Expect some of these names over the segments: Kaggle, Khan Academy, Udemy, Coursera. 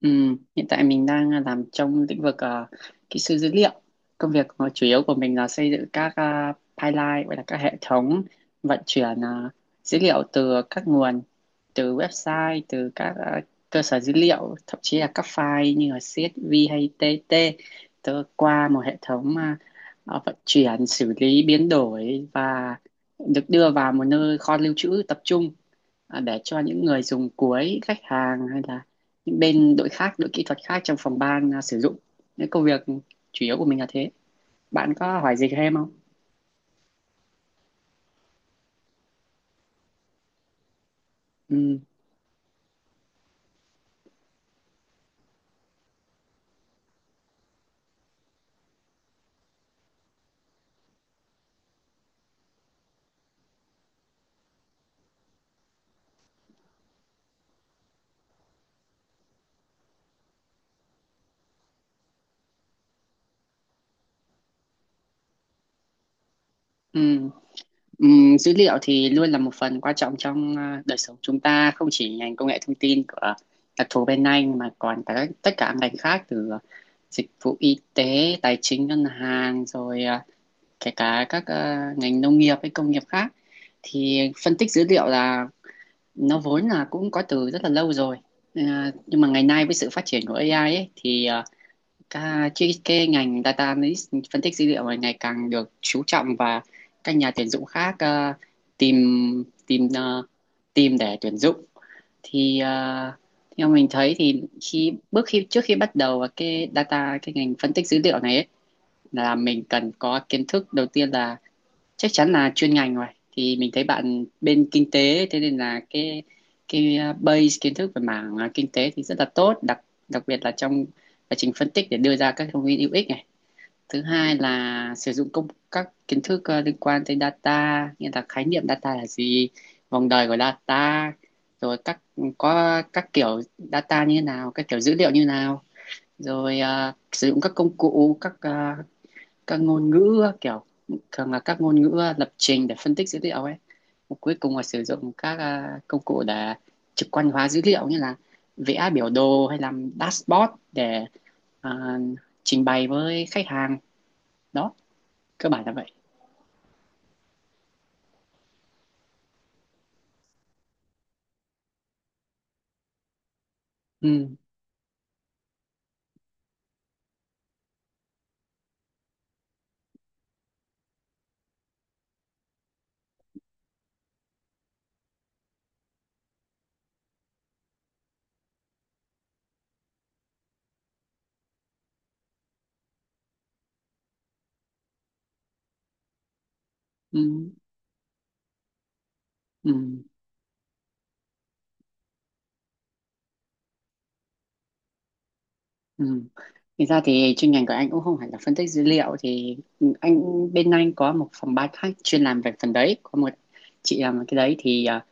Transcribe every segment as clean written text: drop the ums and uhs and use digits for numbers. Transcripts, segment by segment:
Ừ, hiện tại mình đang làm trong lĩnh vực kỹ sư dữ liệu. Công việc mà chủ yếu của mình là xây dựng các pipeline, gọi là các hệ thống vận chuyển dữ liệu từ các nguồn, từ website, từ các cơ sở dữ liệu, thậm chí là các file như là CSV hay TT, từ qua một hệ thống vận chuyển, xử lý, biến đổi và được đưa vào một nơi kho lưu trữ tập trung, để cho những người dùng cuối, khách hàng hay là những bên đội khác, đội kỹ thuật khác trong phòng ban sử dụng. Cái công việc chủ yếu của mình là thế. Bạn có hỏi gì thêm không? Ừ. Ừ. Dữ liệu thì luôn là một phần quan trọng trong đời sống chúng ta, không chỉ ngành công nghệ thông tin của đặc thù bên anh mà còn cả tất cả các ngành khác, từ dịch vụ y tế, tài chính, ngân hàng, rồi kể cả các ngành nông nghiệp hay công nghiệp khác. Thì phân tích dữ liệu là, nó vốn là cũng có từ rất là lâu rồi. À, nhưng mà ngày nay với sự phát triển của AI ấy, thì ờ, Cả, chứ cái ngành data analyst, phân tích dữ liệu này ngày càng được chú trọng, và các nhà tuyển dụng khác ờ, tìm tìm ờ, tìm để tuyển dụng. Thì theo mình thấy thì khi bước khi trước khi bắt đầu vào cái ngành phân tích dữ liệu này ấy, là mình cần có kiến thức đầu tiên là chắc chắn là chuyên ngành rồi. Thì mình thấy bạn bên kinh tế, thế nên là cái base kiến thức về mảng kinh tế thì rất là tốt, đặc đặc biệt là trong quá trình phân tích để đưa ra các thông tin hữu ích này. Thứ hai là sử dụng các kiến thức liên quan tới data, như là khái niệm data là gì, vòng đời của data, rồi có các kiểu data như thế nào, các kiểu dữ liệu như thế nào, rồi sử dụng các công cụ, các các ngôn ngữ, kiểu thường là các ngôn ngữ lập trình để phân tích dữ liệu ấy. Và cuối cùng là sử dụng các công cụ để trực quan hóa dữ liệu, như là vẽ biểu đồ hay làm dashboard để à, trình bày với khách hàng. Đó, cơ bản là vậy. Ừ, ừ, ừ, ừ. Thì ra thì chuyên ngành của anh cũng không phải là phân tích dữ liệu, thì anh bên anh có một phòng ban khác chuyên làm về phần đấy, có một chị làm cái đấy. Thì à,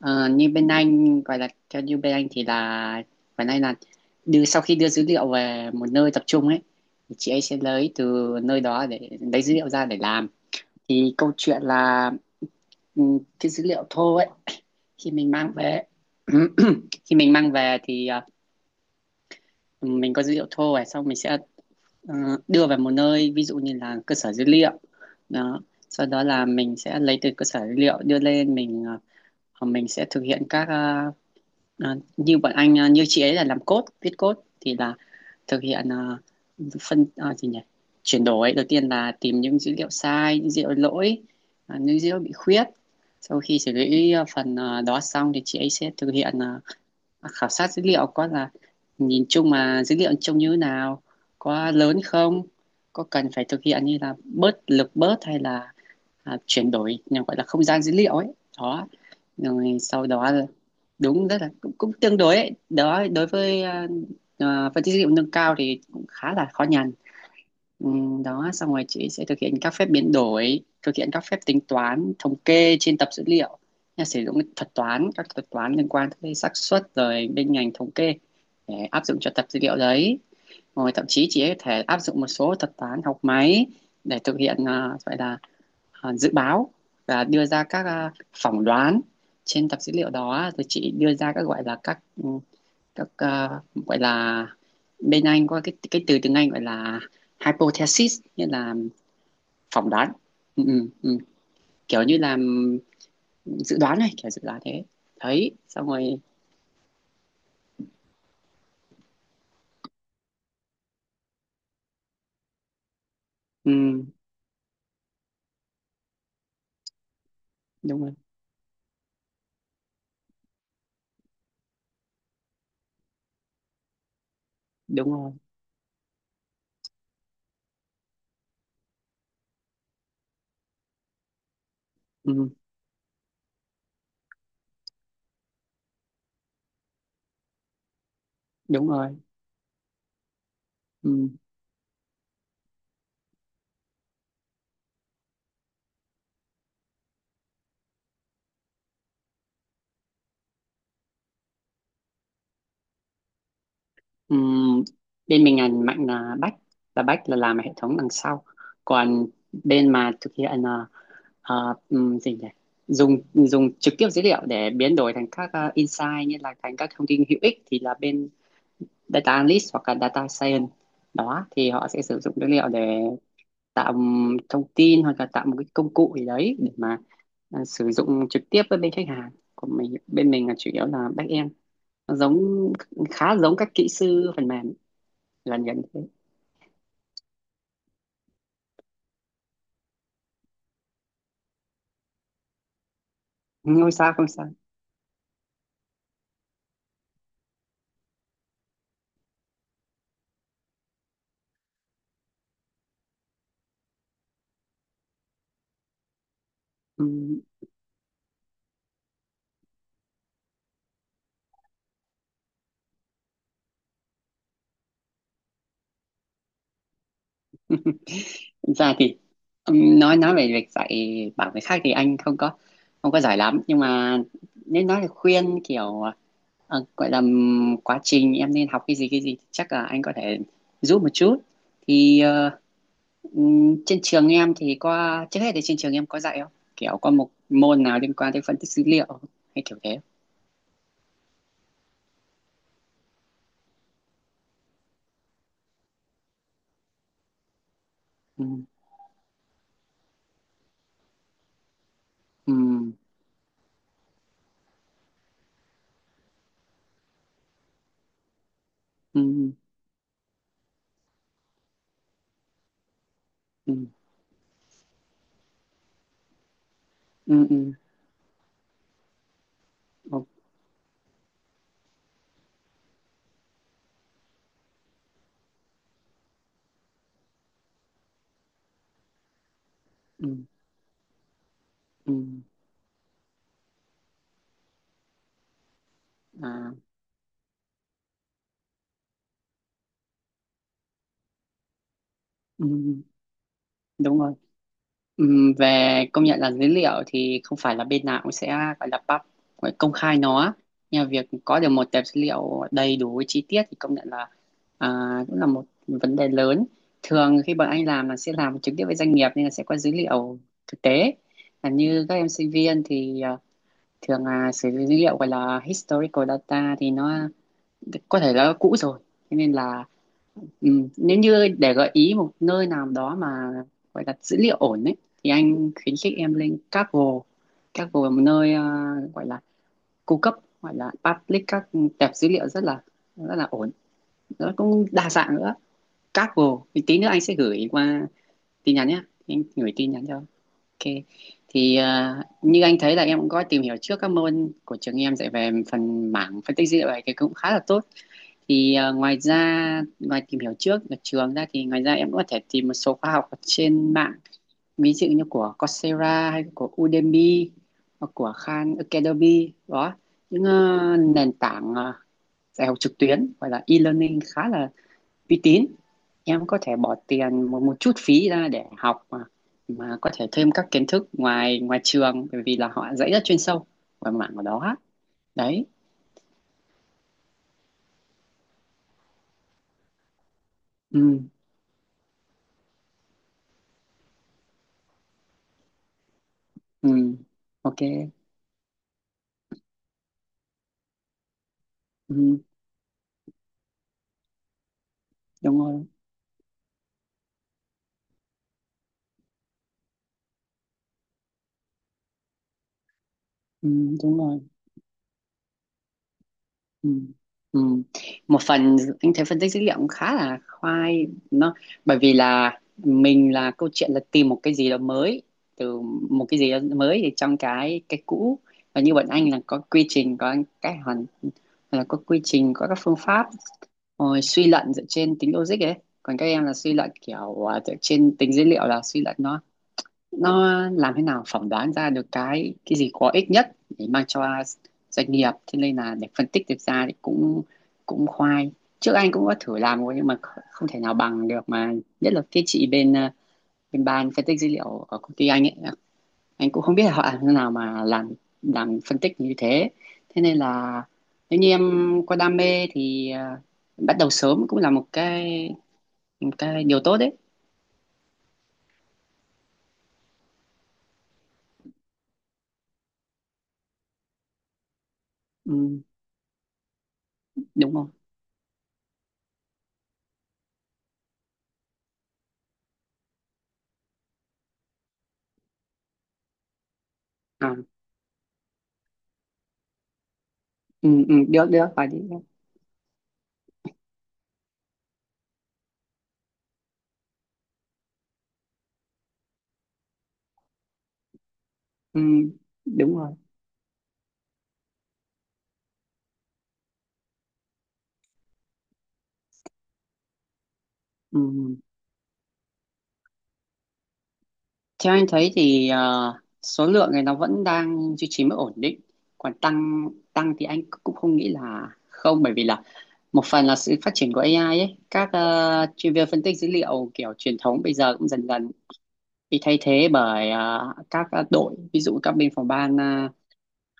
ờ, như bên anh gọi là, theo như bên anh thì là bên anh là đưa, sau khi đưa dữ liệu về một nơi tập trung ấy thì chị ấy sẽ lấy từ nơi đó để lấy dữ liệu ra để làm. Thì câu chuyện là, ừ, cái dữ liệu thô ấy khi mình mang về khi mình mang về thì mình có dữ liệu thô này, xong mình sẽ ờ, đưa về một nơi, ví dụ như là cơ sở dữ liệu. Đó, sau đó là mình sẽ lấy từ cơ sở dữ liệu đưa lên, mình mình sẽ thực hiện các như bọn anh như chị ấy là làm code, viết code, thì là thực hiện ờ, phân ờ, gì nhỉ chuyển đổi. Đầu tiên là tìm những dữ liệu sai, những dữ liệu lỗi, những dữ liệu bị khuyết. Sau khi xử lý phần đó xong thì chị ấy sẽ thực hiện khảo sát dữ liệu, có là nhìn chung mà dữ liệu trông như thế nào, có lớn không, có cần phải thực hiện như là bớt lực bớt hay là chuyển đổi nhà gọi là không gian dữ liệu ấy. Đó rồi sau đó, đúng rất là cũng, cũng tương đối ấy. Đó, đối với phân tích dữ liệu nâng cao thì cũng khá là khó nhằn. Ừ, đó xong rồi chị sẽ thực hiện các phép biến đổi, thực hiện các phép tính toán thống kê trên tập dữ liệu. Nhà sử dụng cái thuật toán, các thuật toán liên quan tới xác suất, rồi bên ngành thống kê để áp dụng cho tập dữ liệu đấy. Rồi thậm chí chị ấy có thể áp dụng một số thuật toán học máy để thực hiện gọi là dự báo và đưa ra các phỏng đoán trên tập dữ liệu đó. Rồi chị đưa ra các, gọi là các, ừ, các gọi là, bên anh có cái từ tiếng Anh gọi là hypothesis, nghĩa là phỏng đoán. Ừ, ừ, ừ. Kiểu như là dự đoán này, kiểu dự đoán thế, thấy xong rồi. Ừm, đúng rồi, đúng rồi. Ừm, đúng rồi. Ừm. Ừm. Bên mình ngành mạnh là back, là làm hệ thống đằng sau. Còn bên mà thực hiện là ờ, gì nhỉ dùng dùng trực tiếp dữ liệu để biến đổi thành các insight, như là thành các thông tin hữu ích, thì là bên data analyst hoặc là data science. Đó, thì họ sẽ sử dụng dữ liệu để tạo thông tin hoặc là tạo một cái công cụ gì đấy để mà sử dụng trực tiếp với bên khách hàng của mình. Bên mình là chủ yếu là back end. Nó giống, khá giống các kỹ sư phần mềm, gần gần thế. Không sao, không sao. Ừm. Thực ra thì nói về việc dạy bảo người khác thì anh không có giỏi lắm. Nhưng mà nếu nói là khuyên kiểu, ờ, gọi là quá trình em nên học cái gì, cái gì, thì chắc là anh có thể giúp một chút. Thì trên trường em thì có, trước hết thì trên trường em có dạy không, kiểu có một môn nào liên quan tới phân tích dữ liệu hay kiểu thế? Ừ, ừ, ừ, ừ, ừ, ừ, ừ, ừ, ừ, à, ừ, đúng rồi. Về, công nhận là dữ liệu thì không phải là bên nào cũng sẽ gọi là pub gọi là công khai nó. Nhưng mà việc có được một tập dữ liệu đầy đủ với chi tiết thì công nhận là à, cũng là một vấn đề lớn. Thường khi bọn anh làm là sẽ làm trực tiếp với doanh nghiệp, nên là sẽ có dữ liệu thực tế. Là như các em sinh viên thì thường là sử dụng dữ liệu gọi là historical data, thì nó có thể là cũ rồi. Thế nên là, ừ, nếu như để gợi ý một nơi nào đó mà gọi là dữ liệu ổn ấy thì anh khuyến khích em lên Kaggle. Kaggle là một nơi gọi là cung cấp, gọi là public các tệp dữ liệu rất là ổn, nó cũng đa dạng nữa. Kaggle thì tí nữa anh sẽ gửi qua tin nhắn nhé, anh gửi tin nhắn cho. Ok. Thì như anh thấy là em cũng có tìm hiểu trước các môn của trường em dạy về phần mảng phân tích dữ liệu này thì cũng khá là tốt. Thì ngoài tìm hiểu trước ở trường ra thì ngoài ra em cũng có thể tìm một số khóa học ở trên mạng, ví dụ như của Coursera hay của Udemy hoặc của Khan Academy. Đó, những nền tảng dạy học trực tuyến, gọi là e-learning, khá là uy tín. Em có thể bỏ tiền một một chút phí ra để học, mà có thể thêm các kiến thức ngoài ngoài trường, bởi vì là họ dạy rất chuyên sâu về mảng của đó. Đấy. Ừ, ừ, ok. Ừ, đúng rồi. Ừ, đúng rồi. Ừ. Ừ. Một phần anh thấy phân tích dữ liệu cũng khá là khoai. Nó bởi vì là mình là, câu chuyện là tìm một cái gì đó mới, từ một cái gì đó mới thì trong cái cũ. Và như bọn anh là có quy trình, có cái hoàn là có quy trình, có các phương pháp, rồi suy luận dựa trên tính logic ấy. Còn các em là suy luận kiểu dựa trên tính dữ liệu, là suy luận nó làm thế nào phỏng đoán ra được cái gì có ích nhất để mang cho doanh nghiệp. Thế nên là để phân tích được ra thì cũng cũng khoai. Trước anh cũng có thử làm rồi nhưng mà không thể nào bằng được mà, nhất là cái chị bên ban phân tích dữ liệu ở công ty anh ấy. Anh cũng không biết là họ làm thế nào mà làm phân tích như thế. Thế nên là nếu như em có đam mê thì bắt đầu sớm cũng là một cái, điều tốt đấy. Ừ, đúng không? À, ừ, ừ, được được, phải đi. Ừ, đúng rồi. Ừ. Theo anh thấy thì số lượng này nó vẫn đang duy trì mức ổn định. Còn tăng tăng thì anh cũng không nghĩ là không, bởi vì là một phần là sự phát triển của AI ấy, các chuyên viên phân tích dữ liệu kiểu truyền thống bây giờ cũng dần dần bị thay thế bởi các đội, ví dụ các bên phòng ban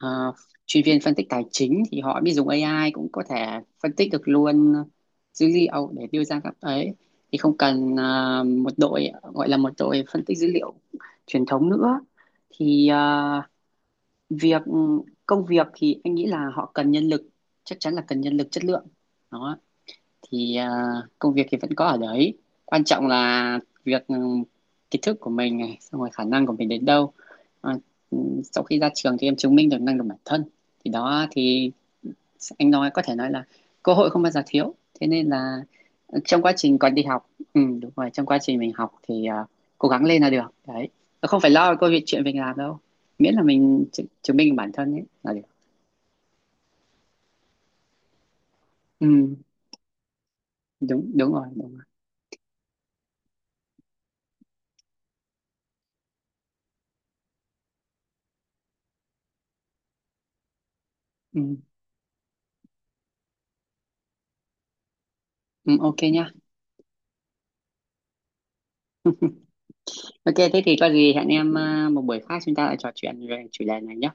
Ờ, chuyên viên phân tích tài chính thì họ biết dùng AI cũng có thể phân tích được luôn dữ liệu để đưa ra các ấy, thì không cần một đội, gọi là một đội phân tích dữ liệu truyền thống nữa. Thì ờ, việc công việc thì anh nghĩ là họ cần nhân lực, chắc chắn là cần nhân lực chất lượng. Đó, thì công việc thì vẫn có ở đấy. Quan trọng là việc, ừ, kiến thức của mình này, xong rồi khả năng của mình đến đâu. à, ừ, Sau khi ra trường thì em chứng minh được năng lực bản thân, thì đó thì anh nói, có thể nói là cơ hội không bao giờ thiếu. Thế nên là, trong quá trình còn đi học, ừ, đúng rồi, trong quá trình mình học thì cố gắng lên là được đấy. Không phải lo câu chuyện mình làm đâu, miễn là mình chứng chứng minh bản thân ấy là được. Ừ, đúng đúng rồi, đúng rồi. Ừ, ừ, ok nhá. Ok, thế thì có gì hẹn em một buổi khác chúng ta lại trò chuyện về chủ đề này nhé.